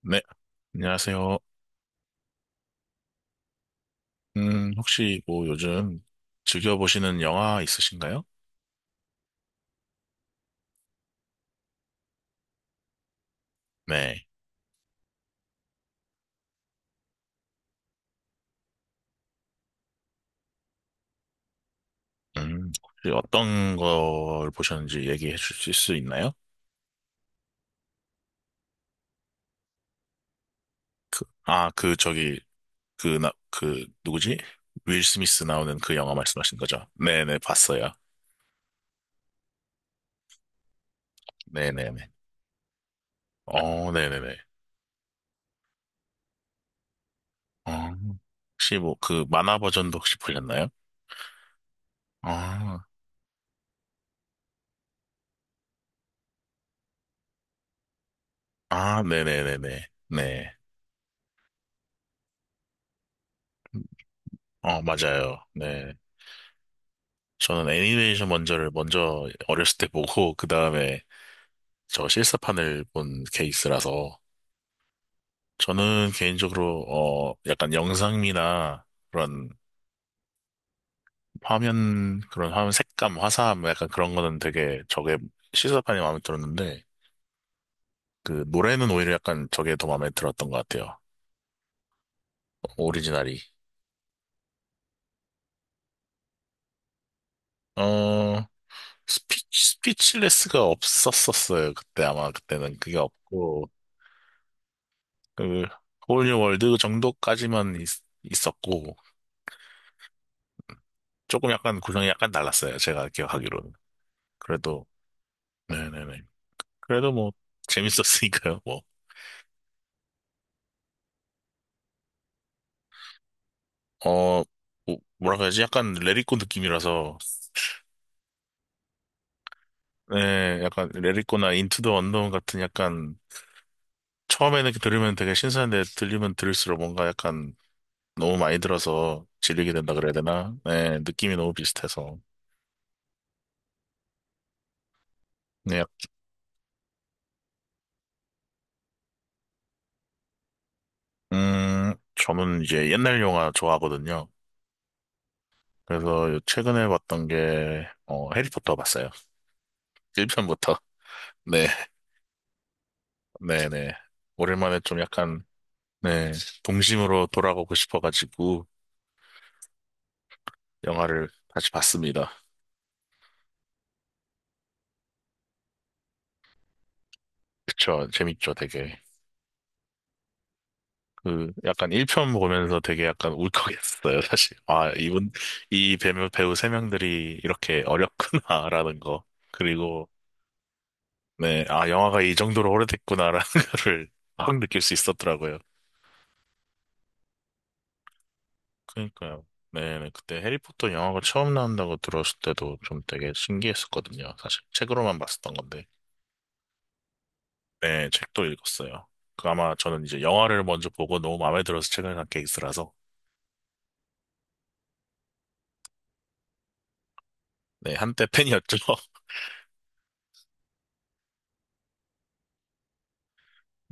네, 안녕하세요. 혹시 뭐 요즘 즐겨보시는 영화 있으신가요? 네. 혹시 어떤 걸 보셨는지 얘기해 주실 수 있나요? 그, 아, 그, 저기, 그, 나, 그, 누구지? 윌 스미스 나오는 그 영화 말씀하신 거죠? 네네, 봤어요. 네네네. 어, 네네네. 어, 혹시 뭐 그 만화 버전도 혹시 보셨나요? 아, 아, 네네네네. 네. 네, 네. 네. 음, 어, 맞아요. 네. 저는 애니메이션 먼저 어렸을 때 보고 그 다음에 저 실사판을 본 케이스라서 저는 개인적으로 어 약간 영상미나 그런 그런 화면 색감 화사함 약간 그런 거는 되게 저게 실사판이 마음에 들었는데 그 노래는 오히려 약간 저게 더 마음에 들었던 것 같아요. 오리지널이 어 스피치레스가 없었었어요. 그때 아마 그때는 그게 없고 그 홀리 월드 정도까지만 있었고 조금 약간 구성이 약간 달랐어요. 제가 기억하기로는. 그래도, 네네네. 그래도 뭐, 재밌었으니까요, 뭐. 어, 뭐라고 해야지? 약간 레리코 느낌이라서, 네, 약간 레리코나 인투 더 언더운 같은 약간, 처음에는 들으면 되게 신선한데 들리면 들을수록 뭔가 약간 너무 많이 들어서 질리게 된다 그래야 되나? 네, 느낌이 너무 비슷해서. 네, 약- 저는 이제 옛날 영화 좋아하거든요. 그래서 요 최근에 봤던 게, 어, 해리포터 봤어요. 1편부터. 네. 네네. 오랜만에 좀 약간, 네, 동심으로 돌아가고 싶어가지고, 영화를 다시 봤습니다. 그쵸, 재밌죠, 되게. 그, 약간 1편 보면서 되게 약간 울컥했어요, 사실. 아, 이분, 이 배우 3명들이 이렇게 어렵구나라는 거. 그리고, 네, 아, 영화가 이 정도로 오래됐구나라는 거를 확 느낄 수 있었더라고요. 그니까요. 네, 네. 그때 해리포터 영화가 처음 나온다고 들었을 때도 좀 되게 신기했었거든요. 사실 책으로만 봤었던 건데. 네, 책도 읽었어요. 그 아마 저는 이제 영화를 먼저 보고 너무 마음에 들어서 책을 산 케이스라서. 네, 한때 팬이었죠.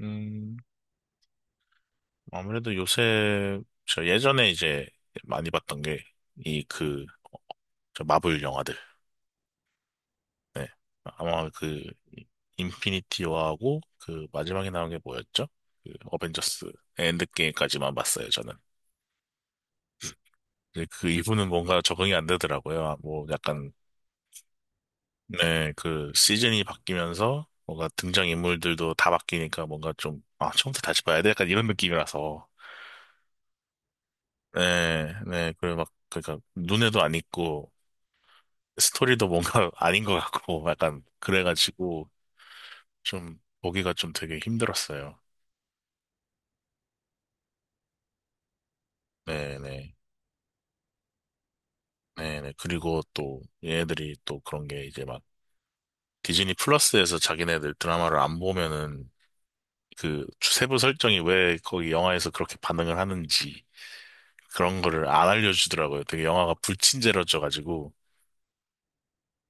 음, 아무래도 요새, 저 예전에 이제 많이 봤던 게, 이 그, 저 마블 영화들. 네. 아마 그, 인피니티 워하고, 그 마지막에 나온 게 뭐였죠? 그 어벤져스 엔드게임까지만 봤어요, 저는. 이제 그 이후는 뭔가 적응이 안 되더라고요. 뭐 약간 네, 그 시즌이 바뀌면서 뭔가 등장인물들도 다 바뀌니까 뭔가 좀, 아, 처음부터 다시 봐야 돼? 약간 이런 느낌이라서. 네, 네, 그리고 막, 그러니까 눈에도 안 익고 스토리도 뭔가 아닌 것 같고 약간 그래가지고 좀 보기가 되게 힘들었어요. 네, 네, 네, 네. 그리고 또 얘네들이 또 그런 게 이제 막 디즈니 플러스에서 자기네들 드라마를 안 보면은 그 세부 설정이 왜 거기 영화에서 그렇게 반응을 하는지 그런 거를 안 알려주더라고요. 되게 영화가 불친절해져가지고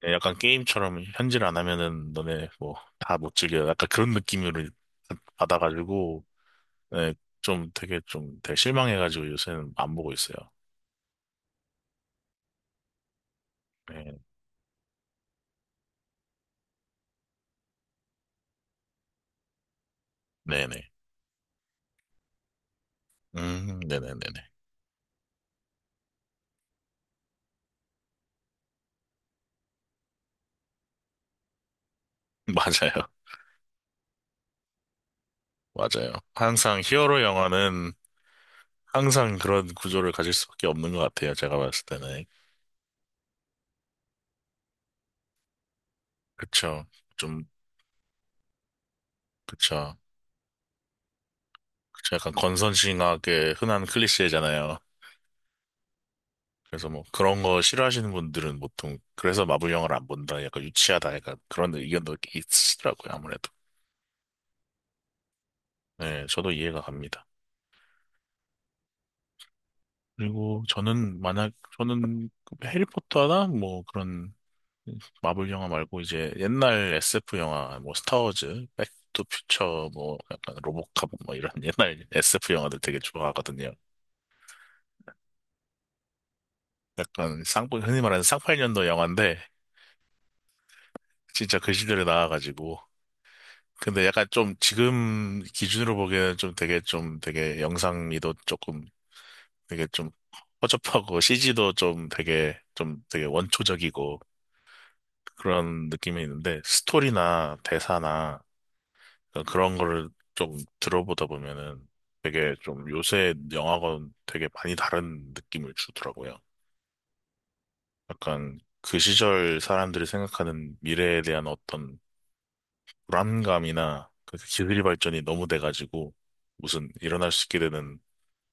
약간 게임처럼 현질 안 하면은 너네 뭐 다 못 즐겨. 약간 그런 느낌을 받아가지고 네, 좀 되게 실망해가지고 요새는 안 보고 있어요. 네, 네네. 네네네네. 맞아요. 맞아요. 항상 히어로 영화는 항상 그런 구조를 가질 수밖에 없는 것 같아요. 제가 봤을 때는. 그쵸. 좀, 그쵸. 그쵸. 약간 건선징악의 흔한 클리셰잖아요. 그래서 뭐 그런 거 싫어하시는 분들은 보통 그래서 마블 영화를 안 본다, 약간 유치하다, 약간 그런 의견도 있으시더라고요, 아무래도. 네, 저도 이해가 갑니다. 그리고 저는 해리포터나 뭐 그런 마블 영화 말고 이제 옛날 SF 영화 뭐 스타워즈, 백투퓨처 뭐 약간 로보캅 뭐 이런 옛날 SF 영화들 되게 좋아하거든요. 약간 쌍 흔히 말하는 쌍팔년도 영화인데 진짜 그 시대를 나와가지고 근데 약간 좀 지금 기준으로 보기에는 되게 좀 되게 영상미도 조금 되게 좀 허접하고 CG도 되게 좀 되게 원초적이고 그런 느낌이 있는데 스토리나 대사나 그런 거를 좀 들어보다 보면은 되게 좀 요새 영화건 되게 많이 다른 느낌을 주더라고요. 약간 그 시절 사람들이 생각하는 미래에 대한 어떤 불안감이나 그 기술이 발전이 너무 돼가지고 무슨 일어날 수 있게 되는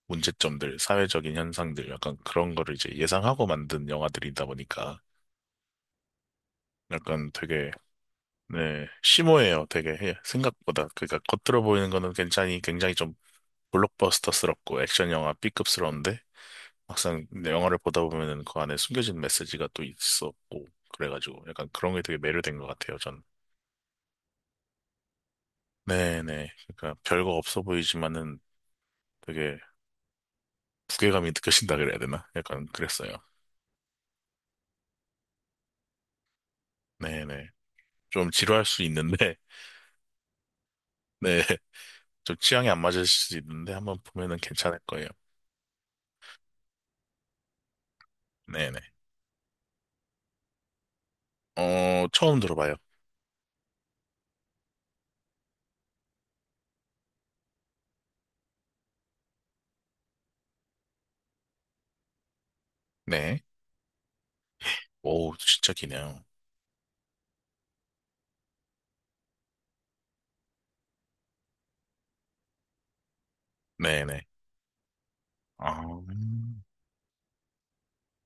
문제점들, 사회적인 현상들, 약간 그런 거를 이제 예상하고 만든 영화들이다 보니까 약간 되게, 네, 심오해요. 되게 예, 생각보다. 그러니까 겉으로 보이는 거는 굉장히 좀 블록버스터스럽고 액션 영화 B급스러운데 막상 내 영화를 보다 보면은 그 안에 숨겨진 메시지가 또 있었고 그래가지고 약간 그런 게 되게 매료된 것 같아요, 전. 네네. 그러니까 별거 없어 보이지만은 되게 무게감이 느껴진다 그래야 되나? 약간 그랬어요. 네네. 좀 지루할 수 있는데, 네. 저 취향이 안 맞을 수도 있는데 한번 보면은 괜찮을 거예요. 네네. 어, 처음 들어봐요. 네. 오, 진짜 기네요. 네네. 아,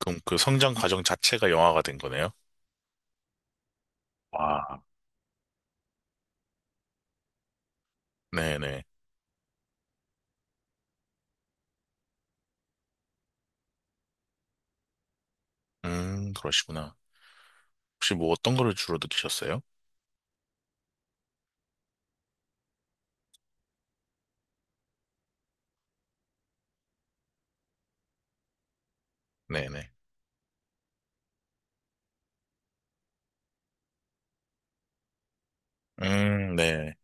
그럼 그 성장 과정 자체가 영화가 된 거네요? 와. 네네. 그러시구나. 혹시 뭐 어떤 거를 주로 느끼셨어요? 네네. 네.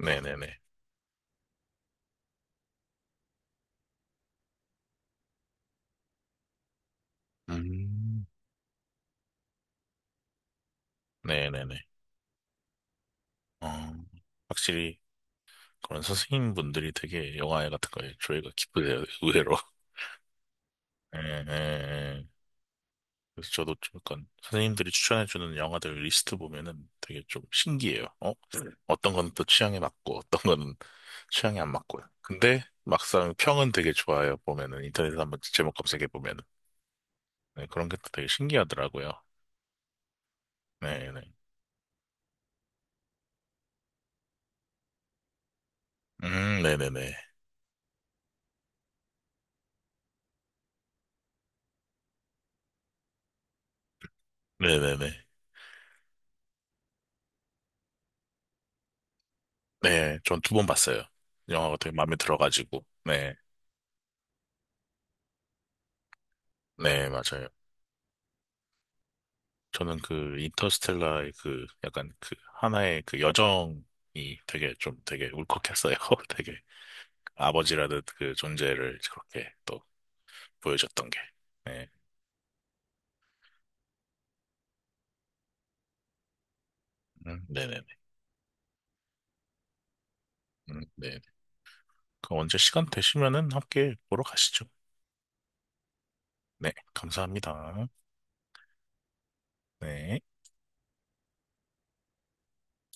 네네네. 음, 네네네. 어, 확실히 그런 선생님분들이 되게 영화 같은 거에 조예가 깊으세요, 의외로. 예, 예, 예. 그래서 저도 좀 약간 선생님들이 추천해주는 영화들 리스트 보면은 되게 좀 신기해요. 어? 어떤 건 또 취향에 맞고, 어떤 거는 취향에 안 맞고요. 근데 막상 평은 되게 좋아요. 보면은 인터넷에 서 한번 제목 검색해 보면은 네, 그런 게 또 되게 신기하더라고요. 네네. 네네네. 네네네. 네, 네, 네, 네. 네, 전 두 번 봤어요. 영화가 되게 마음에 들어가지고. 네, 네, 맞아요. 저는 그 인터스텔라의 그 약간 그 하나의 그 여정이 되게 울컥했어요. 되게. 아버지라듯 그 존재를 그렇게 또 보여줬던 게. 네. 네네네. 네. 그 언제 시간 되시면은 함께 보러 가시죠. 네. 감사합니다. 네.